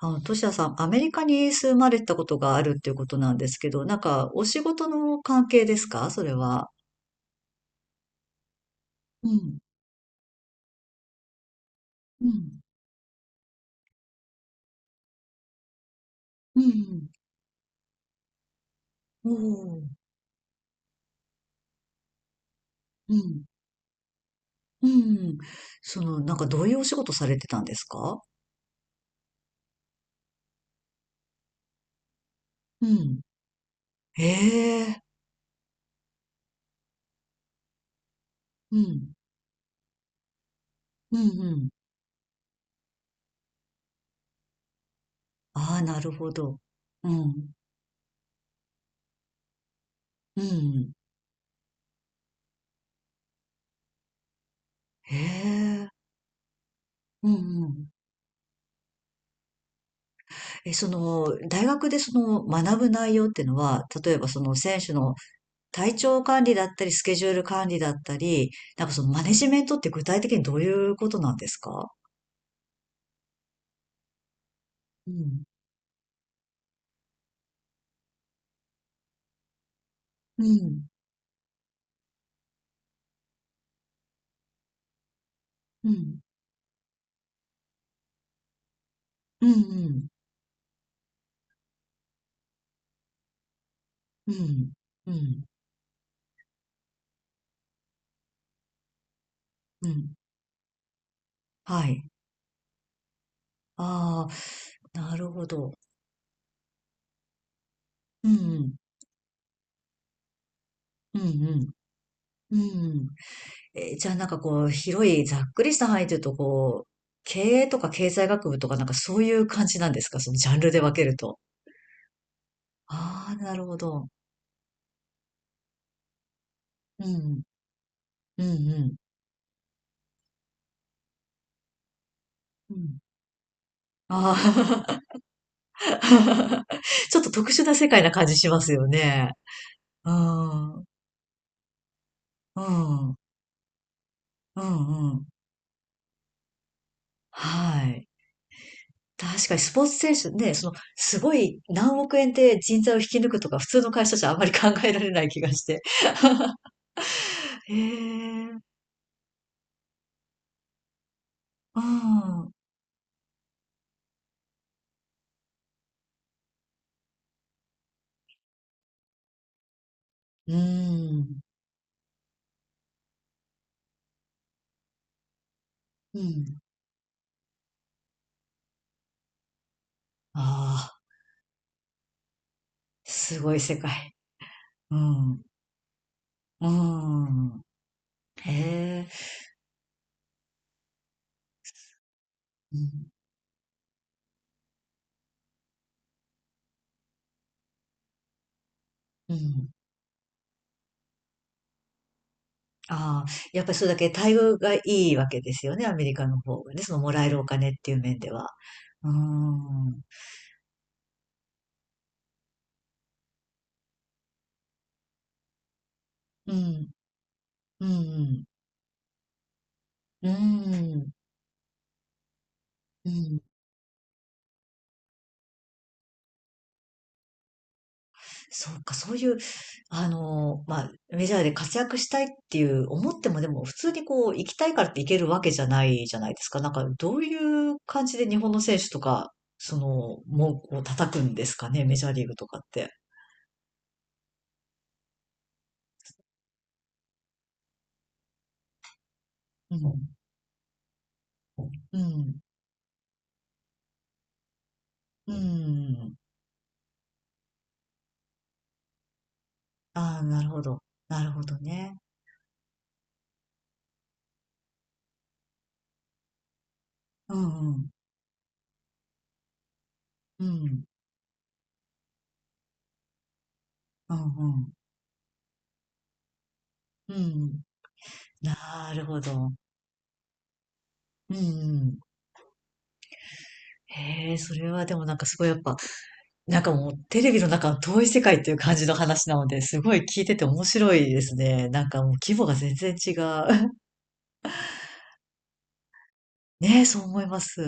トシヤさん、アメリカに住まれたことがあるっていうことなんですけど、お仕事の関係ですかそれは？うん、うん、うん、おー、うん、うん。どういうお仕事されてたんですか？うん。ええ、うん、うん、うん。ああ、なるほど。うん、うん。へえ、うん、うん。え、その、大学でその学ぶ内容っていうのは、例えばその選手の体調管理だったり、スケジュール管理だったり、そのマネジメントって具体的にどういうことなんですか？うん。うん。うん。うん。うん。うん。うん。うん、はい。ああ、なるほど。うん。うん。うん。うん。えー、じゃあ広い、ざっくりした範囲というと、こう、経営とか経済学部とかそういう感じなんですかそのジャンルで分けると？ああ、なるほど。うん。うん。うん。うん。ああ。 ちょっと特殊な世界な感じしますよね。うん。うん。うんうん。はい。確かにスポーツ選手ね、その、すごい何億円で人材を引き抜くとか、普通の会社じゃあまり考えられない気がして。へえ。うん。うん。うん。ああ、すごい世界。うん。うん。へえ。うん。うん。ああ、やっぱりそれだけ待遇がいいわけですよね、アメリカの方がね、そのもらえるお金っていう面では。うーん、うん、うん、うん、うん。そうか、そういう、メジャーで活躍したいっていう思っても、でも普通にこう、行きたいからって行けるわけじゃないじゃないですか。どういう感じで日本の選手とか、その、もう、こう叩くんですかね、メジャーリーグとかって？うん、うん、うん。ああ、なるほど。なるほどね。うんうん。うん。うんうん。うん。なるほど。うん。へえ、それはでもなんかすごいやっぱ、もうテレビの中の遠い世界っていう感じの話なので、すごい聞いてて面白いですね。もう規模が全然違う。ねえ、そう思います。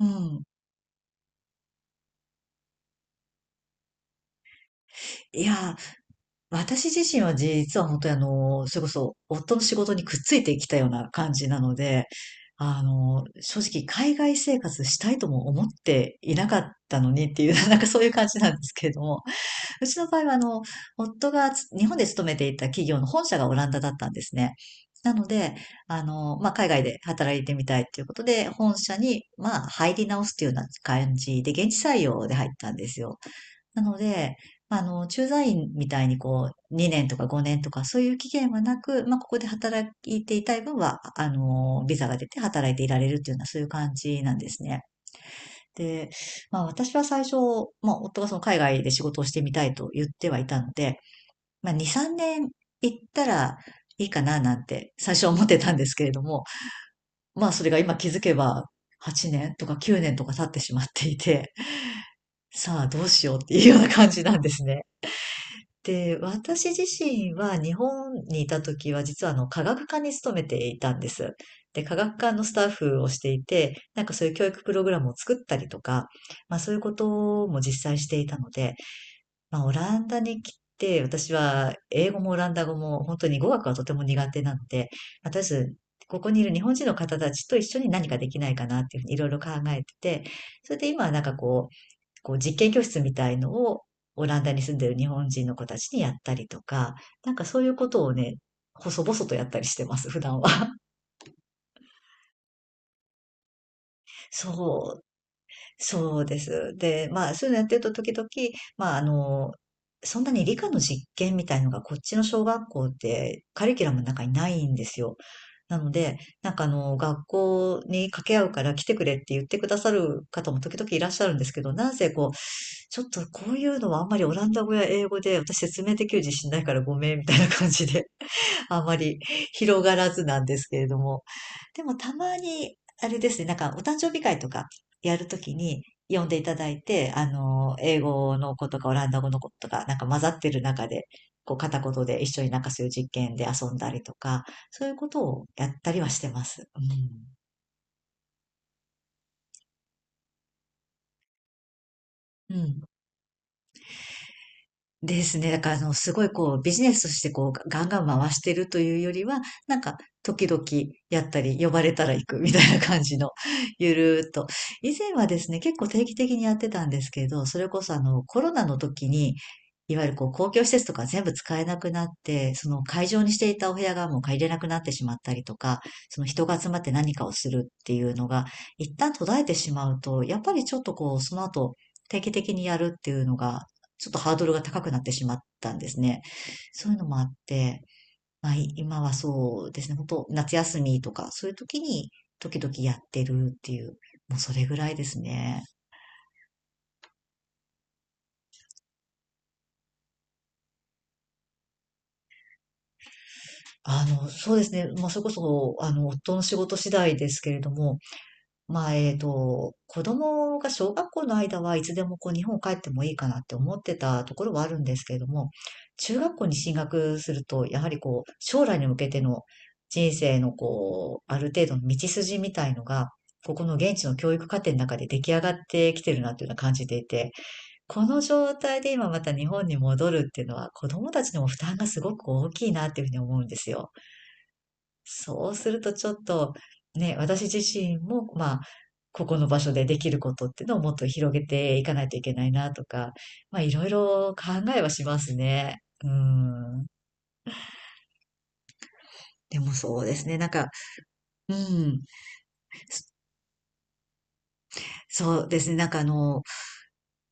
うん。いやー、私自身は実は本当にそれこそ夫の仕事にくっついてきたような感じなので、正直海外生活したいとも思っていなかったのにっていう、そういう感じなんですけれども、うちの場合は夫が日本で勤めていた企業の本社がオランダだったんですね。なので、海外で働いてみたいということで、本社に、まあ、入り直すというような感じで、現地採用で入ったんですよ。なので、駐在員みたいにこう、2年とか5年とかそういう期限はなく、まあ、ここで働いていたい分は、ビザが出て働いていられるっていうのはそういう感じなんですね。で、まあ、私は最初、まあ、夫がその海外で仕事をしてみたいと言ってはいたので、まあ、2、3年行ったらいいかななんて最初は思ってたんですけれども、まあ、それが今気づけば、8年とか9年とか経ってしまっていて、さあどうしようっていうような感じなんですね。で、私自身は日本にいた時は実は科学科に勤めていたんです。で、科学科のスタッフをしていて、そういう教育プログラムを作ったりとか、まあそういうことも実際していたので、まあ、オランダに来て、私は英語もオランダ語も本当に語学はとても苦手なので、まあとりあえず、ここにいる日本人の方たちと一緒に何かできないかなっていうふうにいろいろ考えてて、それで今はなんかこう、こう実験教室みたいのをオランダに住んでる日本人の子たちにやったりとか、そういうことをね、細々とやったりしてます、普段は。そう、そうです。で、まあ、そういうのやってると時々、まあ、あの、そんなに理科の実験みたいのがこっちの小学校ってカリキュラムの中にないんですよ。なので、学校に掛け合うから来てくれって言ってくださる方も時々いらっしゃるんですけど、なんせこう、ちょっとこういうのはあんまりオランダ語や英語で私説明できる自信ないからごめんみたいな感じで、あまり広がらずなんですけれども。でもたまに、あれですね、お誕生日会とかやるときに呼んでいただいて、あの、英語の子とかオランダ語の子とか、混ざってる中で、こう片言で一緒にそういう実験で遊んだりとか、そういうことをやったりはしてます。うん。うん。ですね。だから、あの、すごいこう、ビジネスとしてこう、ガンガン回してるというよりは、なんか、時々やったり、呼ばれたら行くみたいな感じの、ゆるーっと。以前はですね、結構定期的にやってたんですけど、それこそあの、コロナの時に、いわゆるこう、公共施設とか全部使えなくなって、その会場にしていたお部屋がもう借りれなくなってしまったりとか、その人が集まって何かをするっていうのが、一旦途絶えてしまうと、やっぱりちょっとこう、その後、定期的にやるっていうのがちょっとハードルが高くなってしまったんですね。そういうのもあって、まあ、今はそうですね、本当夏休みとか、そういう時に時々やってるっていう、もうそれぐらいですね。あの、そうですね、まあ、それこそ、あの、夫の仕事次第ですけれども、まあ、えっと、子供が小学校の間はいつでもこう日本帰ってもいいかなって思ってたところはあるんですけれども、中学校に進学すると、やはりこう、将来に向けての人生のこう、ある程度の道筋みたいのが、ここの現地の教育課程の中で出来上がってきてるなというのは感じていて、この状態で今また日本に戻るっていうのは子供たちにも負担がすごく大きいなっていうふうに思うんですよ。そうするとちょっとね、私自身も、まあ、ここの場所でできることっていうのをもっと広げていかないといけないなとか、まあいろいろ考えはしますね。うん。でもそうですね。なんか、うん、そうですね。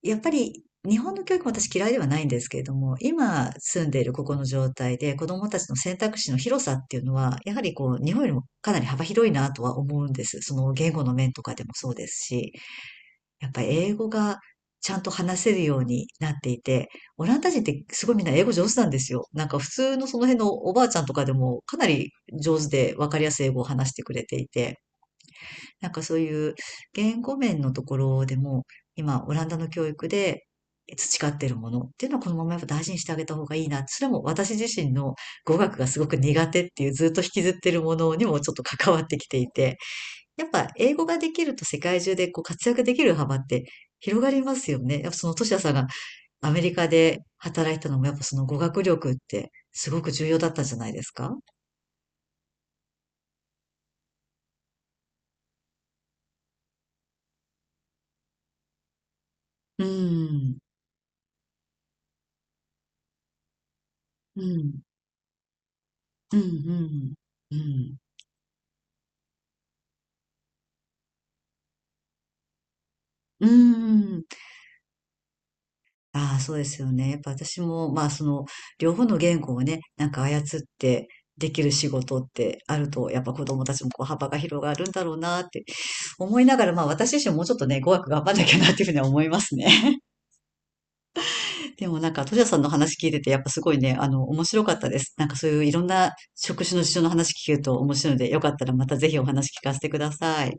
やっぱり日本の教育も私嫌いではないんですけれども、今住んでいるここの状態で子供たちの選択肢の広さっていうのは、やはりこう、日本よりもかなり幅広いなとは思うんです。その言語の面とかでもそうですし。やっぱ英語がちゃんと話せるようになっていて、オランダ人ってすごいみんな英語上手なんですよ。普通のその辺のおばあちゃんとかでもかなり上手でわかりやすい英語を話してくれていて、そういう言語面のところでも今オランダの教育で培ってるものっていうのはこのままやっぱ大事にしてあげた方がいいな。それも私自身の語学がすごく苦手っていうずっと引きずってるものにもちょっと関わってきていて、やっぱ英語ができると世界中でこう活躍できる幅って広がりますよね。やっぱそのトシヤさんがアメリカで働いたのもやっぱその語学力ってすごく重要だったんじゃないですか？うん、うん、うん、うん、うん。うん。ああ、そうですよね。やっぱ私も、まあその、両方の言語をね、操ってできる仕事ってあると、やっぱ子供たちもこう幅が広がるんだろうなって思いながら、まあ私自身もうちょっとね、語学頑張んなきゃなっていうふうには思いますね。でもなんか、トジャさんの話聞いてて、やっぱすごいね、あの、面白かったです。そういういろんな職種の事情の話聞けると面白いので、よかったらまたぜひお話聞かせてください。